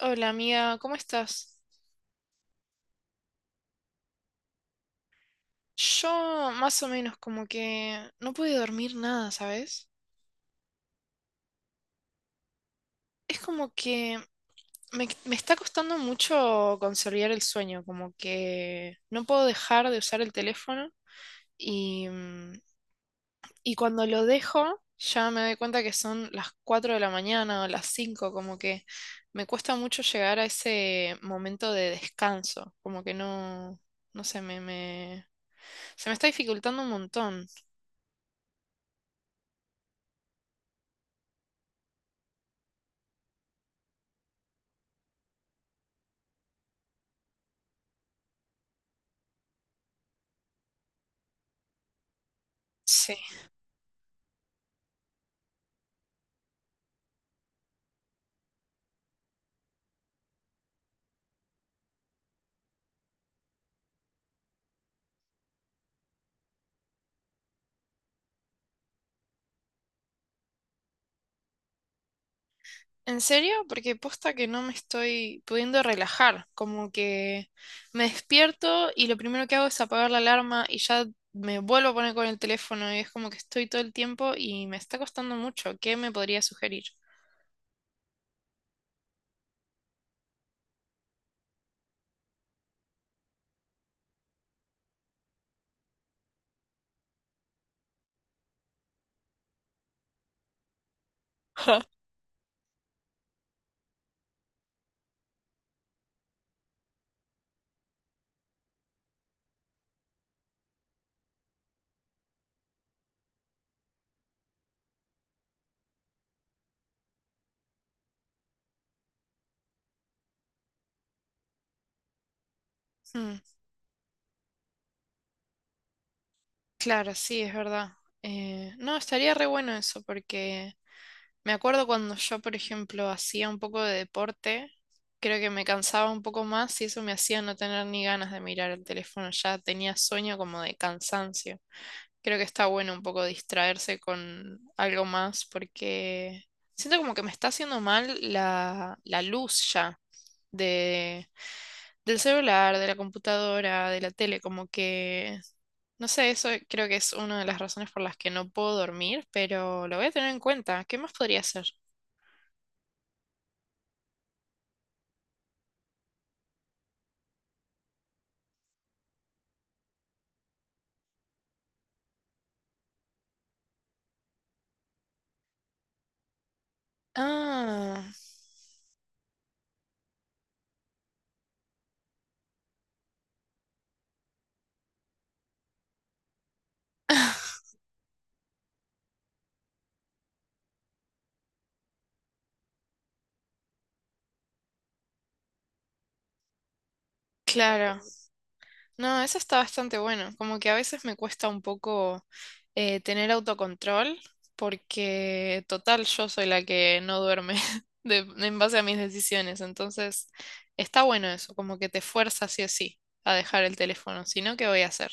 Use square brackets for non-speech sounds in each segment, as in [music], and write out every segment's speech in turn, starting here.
Hola amiga, ¿cómo estás? Yo más o menos como que no pude dormir nada, ¿sabes? Es como que me está costando mucho consolidar el sueño, como que no puedo dejar de usar el teléfono y, mm, y cuando lo dejo ya me doy cuenta que son las 4 de la mañana o las 5, como que me cuesta mucho llegar a ese momento de descanso, como que no, no sé, se me está dificultando un montón. Sí. ¿En serio? Porque posta que no me estoy pudiendo relajar, como que me despierto y lo primero que hago es apagar la alarma y ya me vuelvo a poner con el teléfono y es como que estoy todo el tiempo y me está costando mucho. ¿Qué me podría sugerir? [laughs] Ja. Mm, claro, sí, es verdad. No, estaría re bueno eso, porque me acuerdo cuando yo, por ejemplo, hacía un poco de deporte, creo que me cansaba un poco más y eso me hacía no tener ni ganas de mirar el teléfono, ya tenía sueño como de cansancio. Creo que está bueno un poco distraerse con algo más porque siento como que me está haciendo mal la luz ya de, del celular, de la computadora, de la tele, como que, no sé, eso creo que es una de las razones por las que no puedo dormir, pero lo voy a tener en cuenta. ¿Qué más podría hacer? Ah, claro. No, eso está bastante bueno. Como que a veces me cuesta un poco tener autocontrol porque total yo soy la que no duerme [laughs] en base a mis decisiones. Entonces, está bueno eso, como que te fuerza sí o sí a dejar el teléfono. Si no, ¿qué voy a hacer?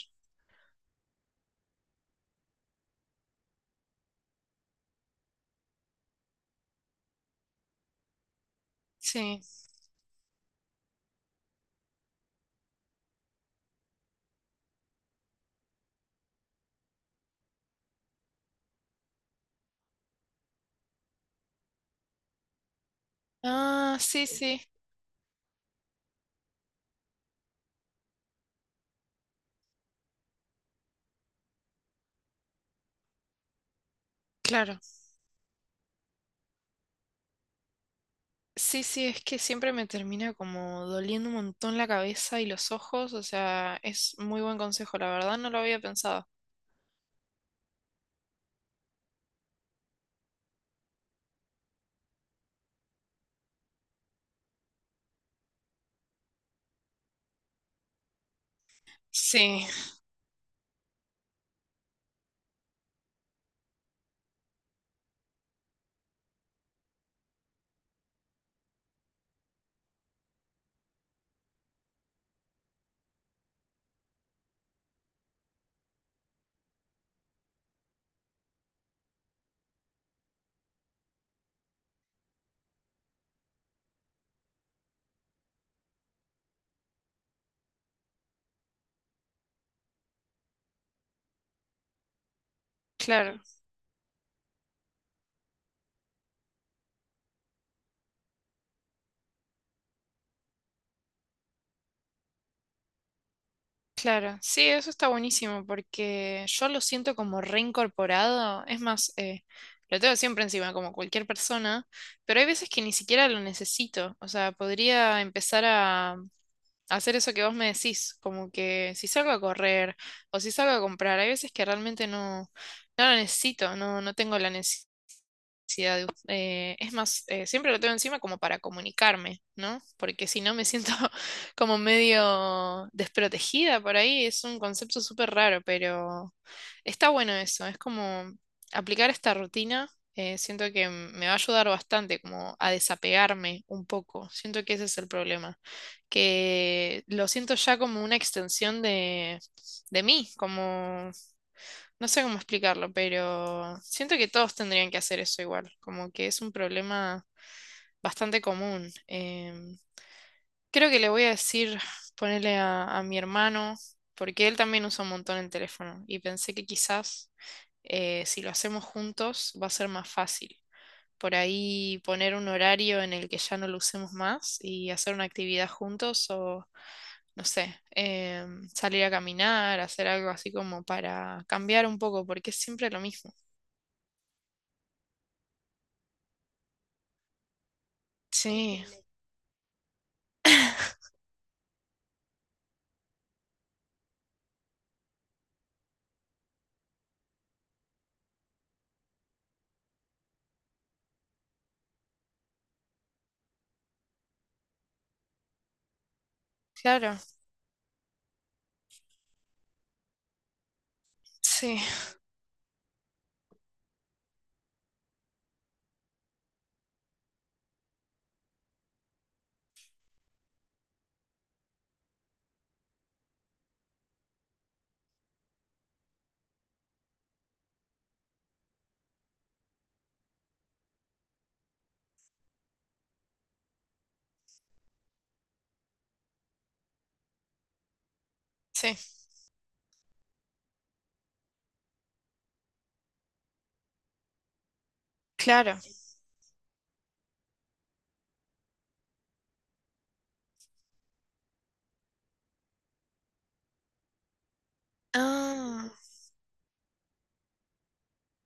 Sí. Ah, sí, sí, claro. Sí, sí, es que siempre me termina como doliendo un montón la cabeza y los ojos. O sea, es muy buen consejo, la verdad no lo había pensado. Sí, claro. Claro, sí, eso está buenísimo porque yo lo siento como reincorporado. Es más, lo tengo siempre encima, como cualquier persona, pero hay veces que ni siquiera lo necesito. O sea, podría empezar a hacer eso que vos me decís, como que si salgo a correr o si salgo a comprar, hay veces que realmente no, no lo necesito, no, no tengo la necesidad ansiedad. Es más, siempre lo tengo encima como para comunicarme, ¿no? Porque si no me siento [laughs] como medio desprotegida por ahí. Es un concepto súper raro, pero está bueno eso. Es como aplicar esta rutina. Me va a ayudar bastante como a desapegarme un poco. Siento que ese es el problema. Que lo siento ya como una extensión de mí, como no sé cómo explicarlo, pero siento que todos tendrían que hacer eso igual, como que es un problema bastante común. Creo que le voy a decir, ponerle a mi hermano, porque él también usa un montón el teléfono y pensé que quizás si lo hacemos juntos va a ser más fácil. Por ahí poner un horario en el que ya no lo usemos más y hacer una actividad juntos o, no sé, salir a caminar, hacer algo así como para cambiar un poco, porque es siempre lo mismo. Sí, [laughs] claro, sí, sí, claro. Ah,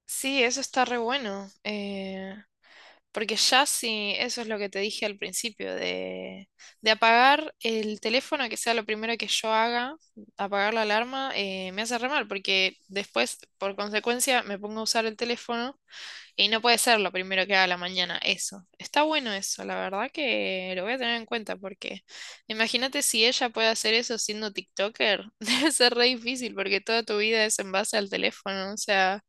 sí, eso está re bueno. Porque ya sí, eso es lo que te dije al principio, de apagar el teléfono, que sea lo primero que yo haga, apagar la alarma, me hace re mal, porque después, por consecuencia, me pongo a usar el teléfono. Y no puede ser lo primero que haga a la mañana, eso. Está bueno eso, la verdad que lo voy a tener en cuenta porque imagínate si ella puede hacer eso siendo TikToker, [laughs] debe ser re difícil porque toda tu vida es en base al teléfono, o sea,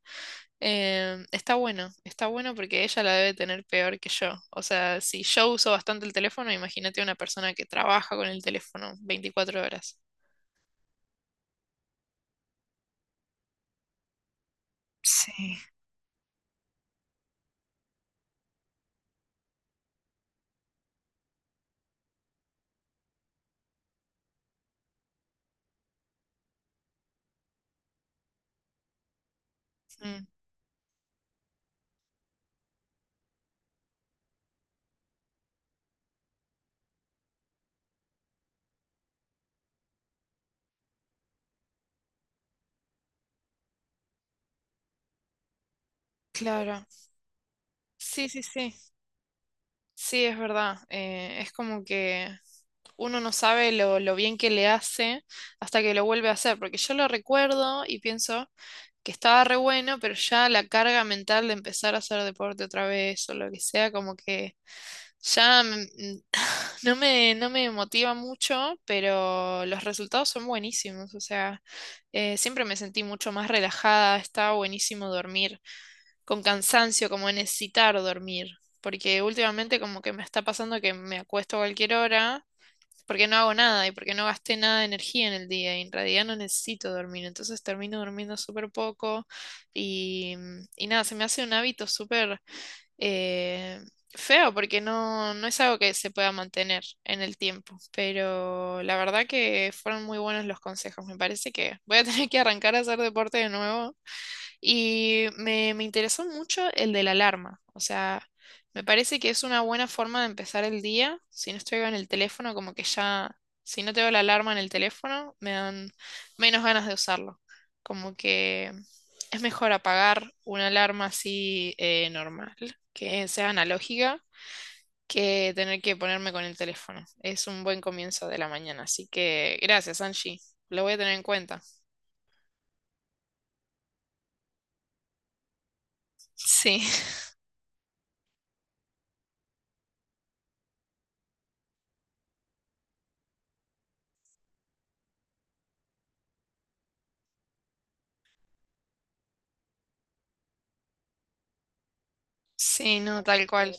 está bueno porque ella la debe tener peor que yo. O sea, si yo uso bastante el teléfono, imagínate una persona que trabaja con el teléfono 24 horas. Sí. Mm, claro. Sí, sí, sí. Sí, es verdad. Es como que uno no sabe lo bien que le hace hasta que lo vuelve a hacer, porque yo lo recuerdo y pienso que estaba re bueno, pero ya la carga mental de empezar a hacer deporte otra vez o lo que sea, como que ya mm, [laughs] no me motiva mucho, pero los resultados son buenísimos, o sea, siempre me sentí mucho más relajada, estaba buenísimo dormir, con cansancio, como necesitar dormir. Porque últimamente como que me está pasando que me acuesto a cualquier hora porque no hago nada y porque no gasté nada de energía en el día y en realidad no necesito dormir, entonces termino durmiendo súper poco y, y nada, se me hace un hábito súper eh, feo porque no, no es algo que se pueda mantener en el tiempo, pero la verdad que fueron muy buenos los consejos, me parece que voy a [laughs] tener que arrancar a hacer deporte de nuevo y me interesó mucho el de la alarma. O sea, me parece que es una buena forma de empezar el día. Si no estoy en el teléfono, como que ya, si no tengo la alarma en el teléfono, me dan menos ganas de usarlo. Como que es mejor apagar una alarma así normal, que sea analógica, que tener que ponerme con el teléfono. Es un buen comienzo de la mañana. Así que gracias, Angie. Lo voy a tener en cuenta. Sí. Sí, no, tal cual.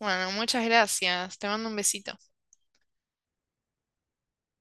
Bueno, muchas gracias. Te mando un besito.